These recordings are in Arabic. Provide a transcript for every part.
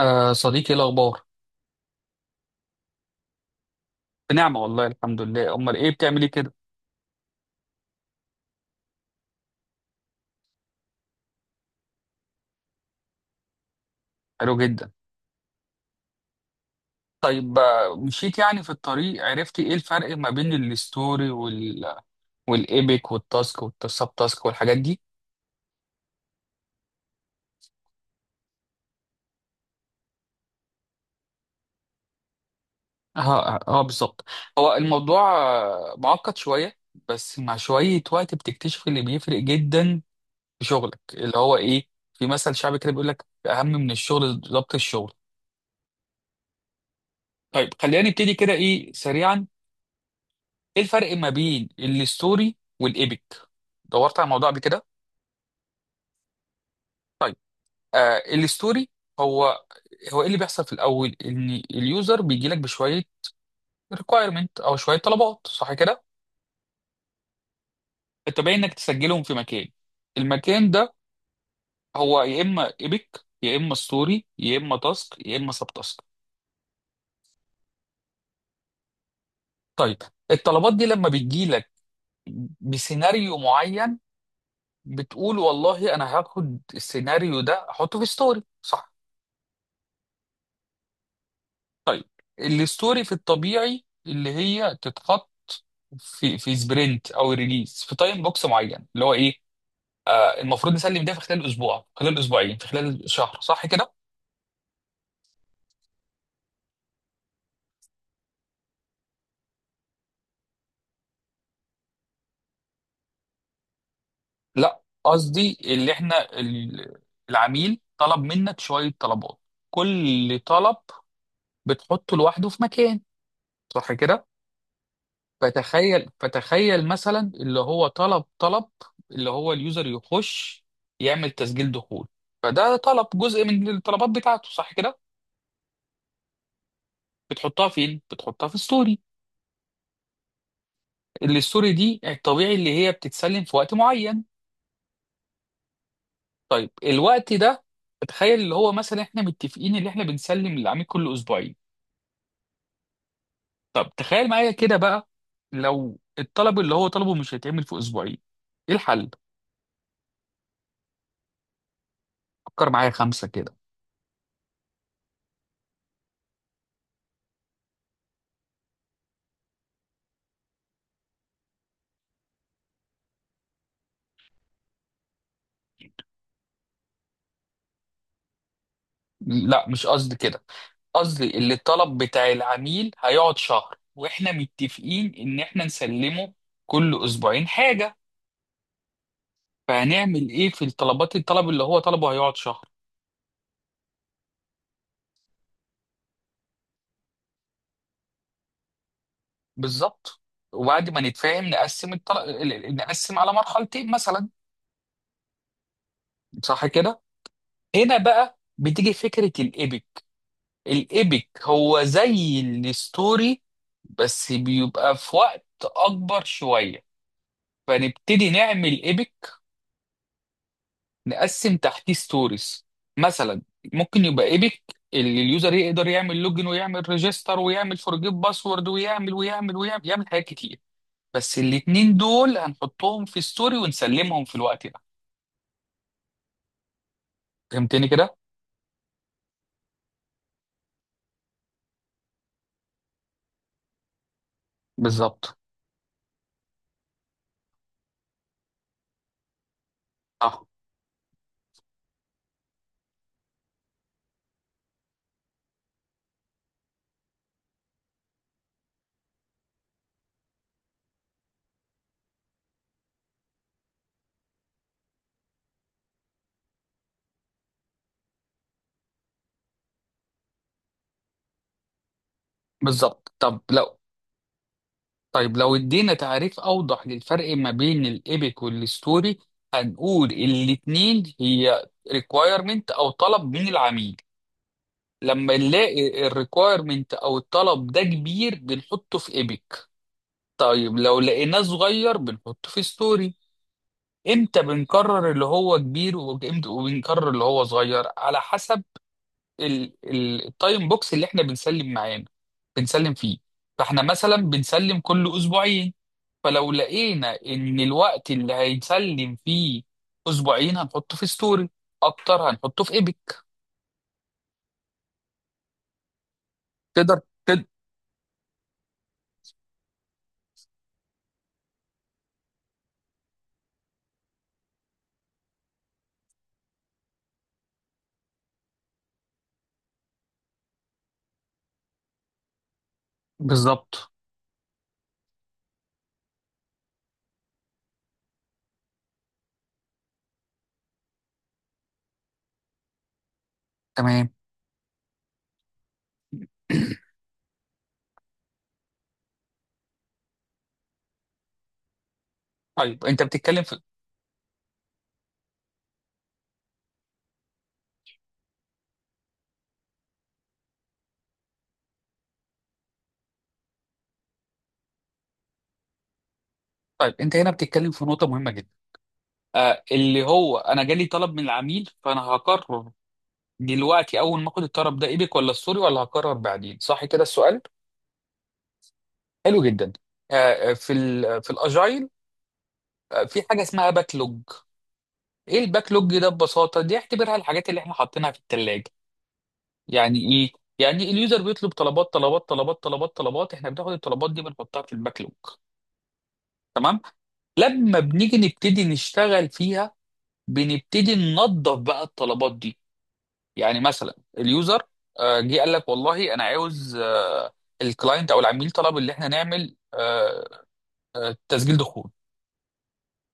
آه صديقي، ايه الاخبار؟ بنعمه والله الحمد لله. امال ايه بتعمل ايه كده؟ حلو جدا. طيب مشيت يعني في الطريق، عرفتي ايه الفرق ما بين الستوري والايبك والتاسك والسب تاسك والحاجات دي؟ اه اه بالظبط. هو الموضوع معقد شويه، بس مع شويه وقت بتكتشف اللي بيفرق جدا في شغلك، اللي هو ايه؟ في مثل شعبي كده بيقول لك: اهم من الشغل ضبط الشغل. طيب خلينا نبتدي كده ايه سريعا. ايه الفرق ما بين الستوري والايبك؟ دورت على الموضوع قبل كده؟ طيب. الستوري هو ايه اللي بيحصل في الاول؟ ان اليوزر بيجي لك بشويه ريكوايرمنت او شويه طلبات، صح كده؟ انت باين انك تسجلهم في مكان. المكان ده هو يا اما ايبك يا اما ستوري يا اما تاسك يا اما سب تاسك. طيب الطلبات دي لما بتجي لك بسيناريو معين، بتقول والله انا هاخد السيناريو ده احطه في ستوري، صح؟ طيب الستوري في الطبيعي اللي هي تتحط في سبرنت او ريليز في تايم بوكس معين، اللي هو ايه؟ المفروض نسلم ده في خلال اسبوع، في خلال اسبوعين، في خلال شهر، صح كده؟ لا قصدي اللي احنا العميل طلب منك شوية طلبات، كل طلب بتحطه لوحده في مكان، صح كده؟ فتخيل فتخيل مثلا اللي هو طلب طلب اللي هو اليوزر يخش يعمل تسجيل دخول، فده طلب جزء من الطلبات بتاعته، صح كده؟ بتحطها فين؟ بتحطها في الستوري، اللي الستوري دي الطبيعي اللي هي بتتسلم في وقت معين. طيب الوقت ده تخيل اللي هو مثلا احنا متفقين اللي احنا بنسلم للعميل كل اسبوعين. طب تخيل معايا كده بقى، لو الطلب اللي هو طلبه مش هيتعمل في اسبوعين، ايه الحل؟ فكر معايا خمسة كده. لا مش قصدي كده، قصدي اللي الطلب بتاع العميل هيقعد شهر واحنا متفقين ان احنا نسلمه كل اسبوعين حاجة. فهنعمل ايه في الطلبات، الطلب اللي هو طلبه هيقعد شهر؟ بالظبط. وبعد ما نتفاهم نقسم نقسم على مرحلتين مثلا، صح كده؟ هنا بقى بتيجي فكرة الإيبك. الإيبك هو زي الستوري، بس بيبقى في وقت أكبر شوية، فنبتدي نعمل إيبك، نقسم تحتيه ستوريز. مثلا ممكن يبقى إيبك اللي اليوزر يقدر يعمل لوجن ويعمل ريجستر ويعمل فورجيت باسورد ويعمل ويعمل ويعمل يعمل حاجات كتير، بس الاتنين دول هنحطهم في ستوري ونسلمهم في الوقت. فهمتني كده؟ بالظبط. اه بالظبط. طب لو طيب لو ادينا تعريف اوضح للفرق ما بين الايبك والستوري، هنقول الاتنين هي ريكوايرمنت او طلب من العميل. لما نلاقي الريكوايرمنت او الطلب ده كبير بنحطه في ايبك، طيب لو لقيناه صغير بنحطه في ستوري. امتى بنقرر اللي هو كبير وامتى وبنقرر اللي هو صغير؟ على حسب التايم بوكس اللي احنا بنسلم معانا بنسلم فيه. فاحنا مثلا بنسلم كل اسبوعين، فلو لقينا ان الوقت اللي هيتسلم فيه اسبوعين هنحطه في ستوري، اكتر هنحطه في ايبك. تقدر تد... بالظبط تمام. طيب انت بتتكلم في طيب انت هنا بتتكلم في نقطة مهمة جدا، اللي هو انا جالي طلب من العميل، فانا هقرر دلوقتي اول ما اخد الطلب ده ايبك ولا ستوري، ولا هقرر بعدين؟ صح كده السؤال. حلو جدا. في في الاجايل في حاجه اسمها باك لوج. ايه الباك لوج ده؟ ببساطه دي اعتبرها الحاجات اللي احنا حاطينها في الثلاجه. يعني ايه؟ يعني اليوزر بيطلب طلبات طلبات طلبات طلبات طلبات، احنا بناخد الطلبات دي بنحطها في الباك لوج. تمام. لما بنيجي نبتدي نشتغل فيها بنبتدي ننظف بقى الطلبات دي. يعني مثلا اليوزر جه قال لك والله انا عاوز الكلاينت او العميل طلب اللي احنا نعمل تسجيل دخول،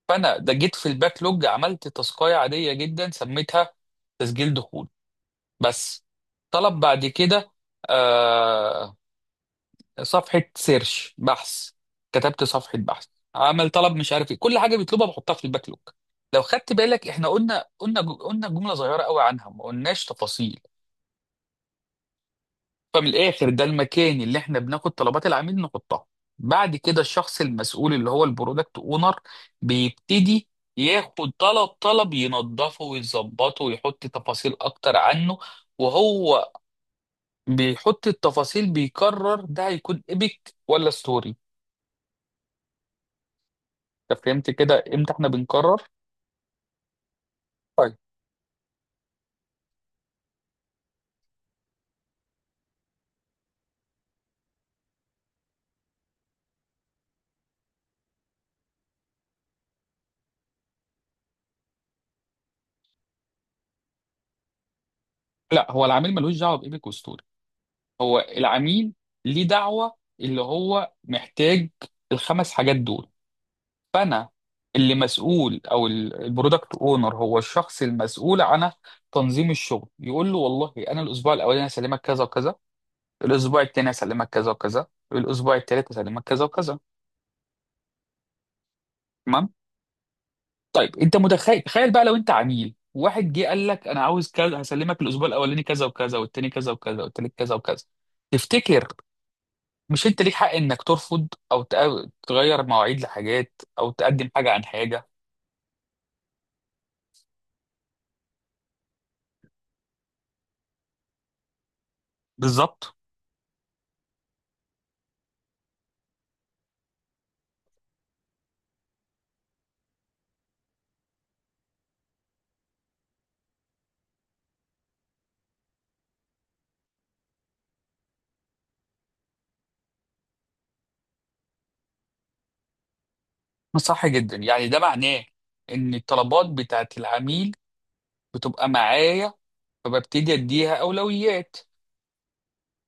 فانا ده جيت في الباك لوج عملت تاسكايه عاديه جدا سميتها تسجيل دخول بس. طلب بعد كده آه صفحه سيرش بحث، كتبت صفحه بحث. عمل طلب مش عارف ايه، كل حاجه بيطلبها بحطها في الباك لوج. لو خدت بالك احنا قلنا قلنا قلنا جمله صغيره قوي عنها، ما قلناش تفاصيل. فمن الاخر ده المكان اللي احنا بناخد طلبات العميل نحطها. بعد كده الشخص المسؤول اللي هو البرودكت اونر بيبتدي ياخد طلب طلب ينظفه ويظبطه ويحط تفاصيل اكتر عنه، وهو بيحط التفاصيل بيقرر ده هيكون ايبك ولا ستوري. انت فهمت كده امتى احنا بنقرر؟ طيب. لا هو العميل ملوش دعوه بايبك وستوري، هو العميل ليه دعوه اللي هو محتاج الخمس حاجات دول. فانا اللي مسؤول او البرودكت اونر هو الشخص المسؤول عن تنظيم الشغل، يقول له والله انا الاسبوع الاولاني هسلمك كذا وكذا، الاسبوع الثاني هسلمك كذا وكذا، الاسبوع الثالث هسلمك كذا وكذا. تمام. طيب انت متخيل، تخيل بقى لو انت عميل واحد جه قال لك انا عاوز كذا، هسلمك الاسبوع الاولاني كذا وكذا، والثاني كذا وكذا، والثالث كذا وكذا. تفتكر مش انت ليك حق انك ترفض او تغير مواعيد لحاجات، او تقدم حاجه عن حاجه؟ بالظبط. صح جدا. يعني ده معناه ان الطلبات بتاعت العميل بتبقى معايا فببتدي اديها اولويات.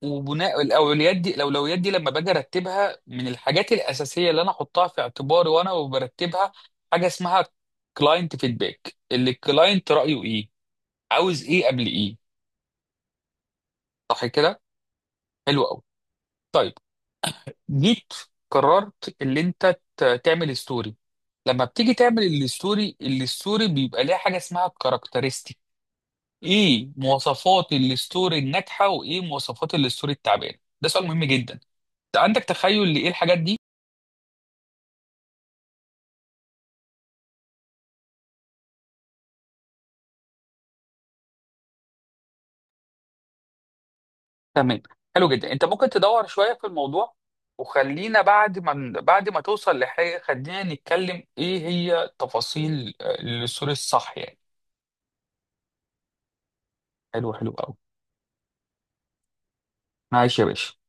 وبناء الاولويات دي، الاولويات دي لما باجي ارتبها من الحاجات الاساسيه اللي انا احطها في اعتباري وانا برتبها حاجه اسمها كلاينت فيدباك، اللي الكلاينت رايه ايه، عاوز ايه قبل ايه، صح كده؟ حلو قوي. طيب، جيت قررت اللي انت تعمل ستوري. لما بتيجي تعمل الستوري، الستوري بيبقى ليها حاجه اسمها characteristics. ايه مواصفات الستوري الناجحه وايه مواصفات الستوري التعبانه؟ ده سؤال مهم جدا. انت عندك تخيل لايه الحاجات دي؟ تمام. حلو جدا. انت ممكن تدور شويه في الموضوع، وخلينا بعد ما توصل لحاجه خلينا نتكلم ايه هي تفاصيل الستوري الصح يعني. حلو. حلو قوي. ماشي يا باشا.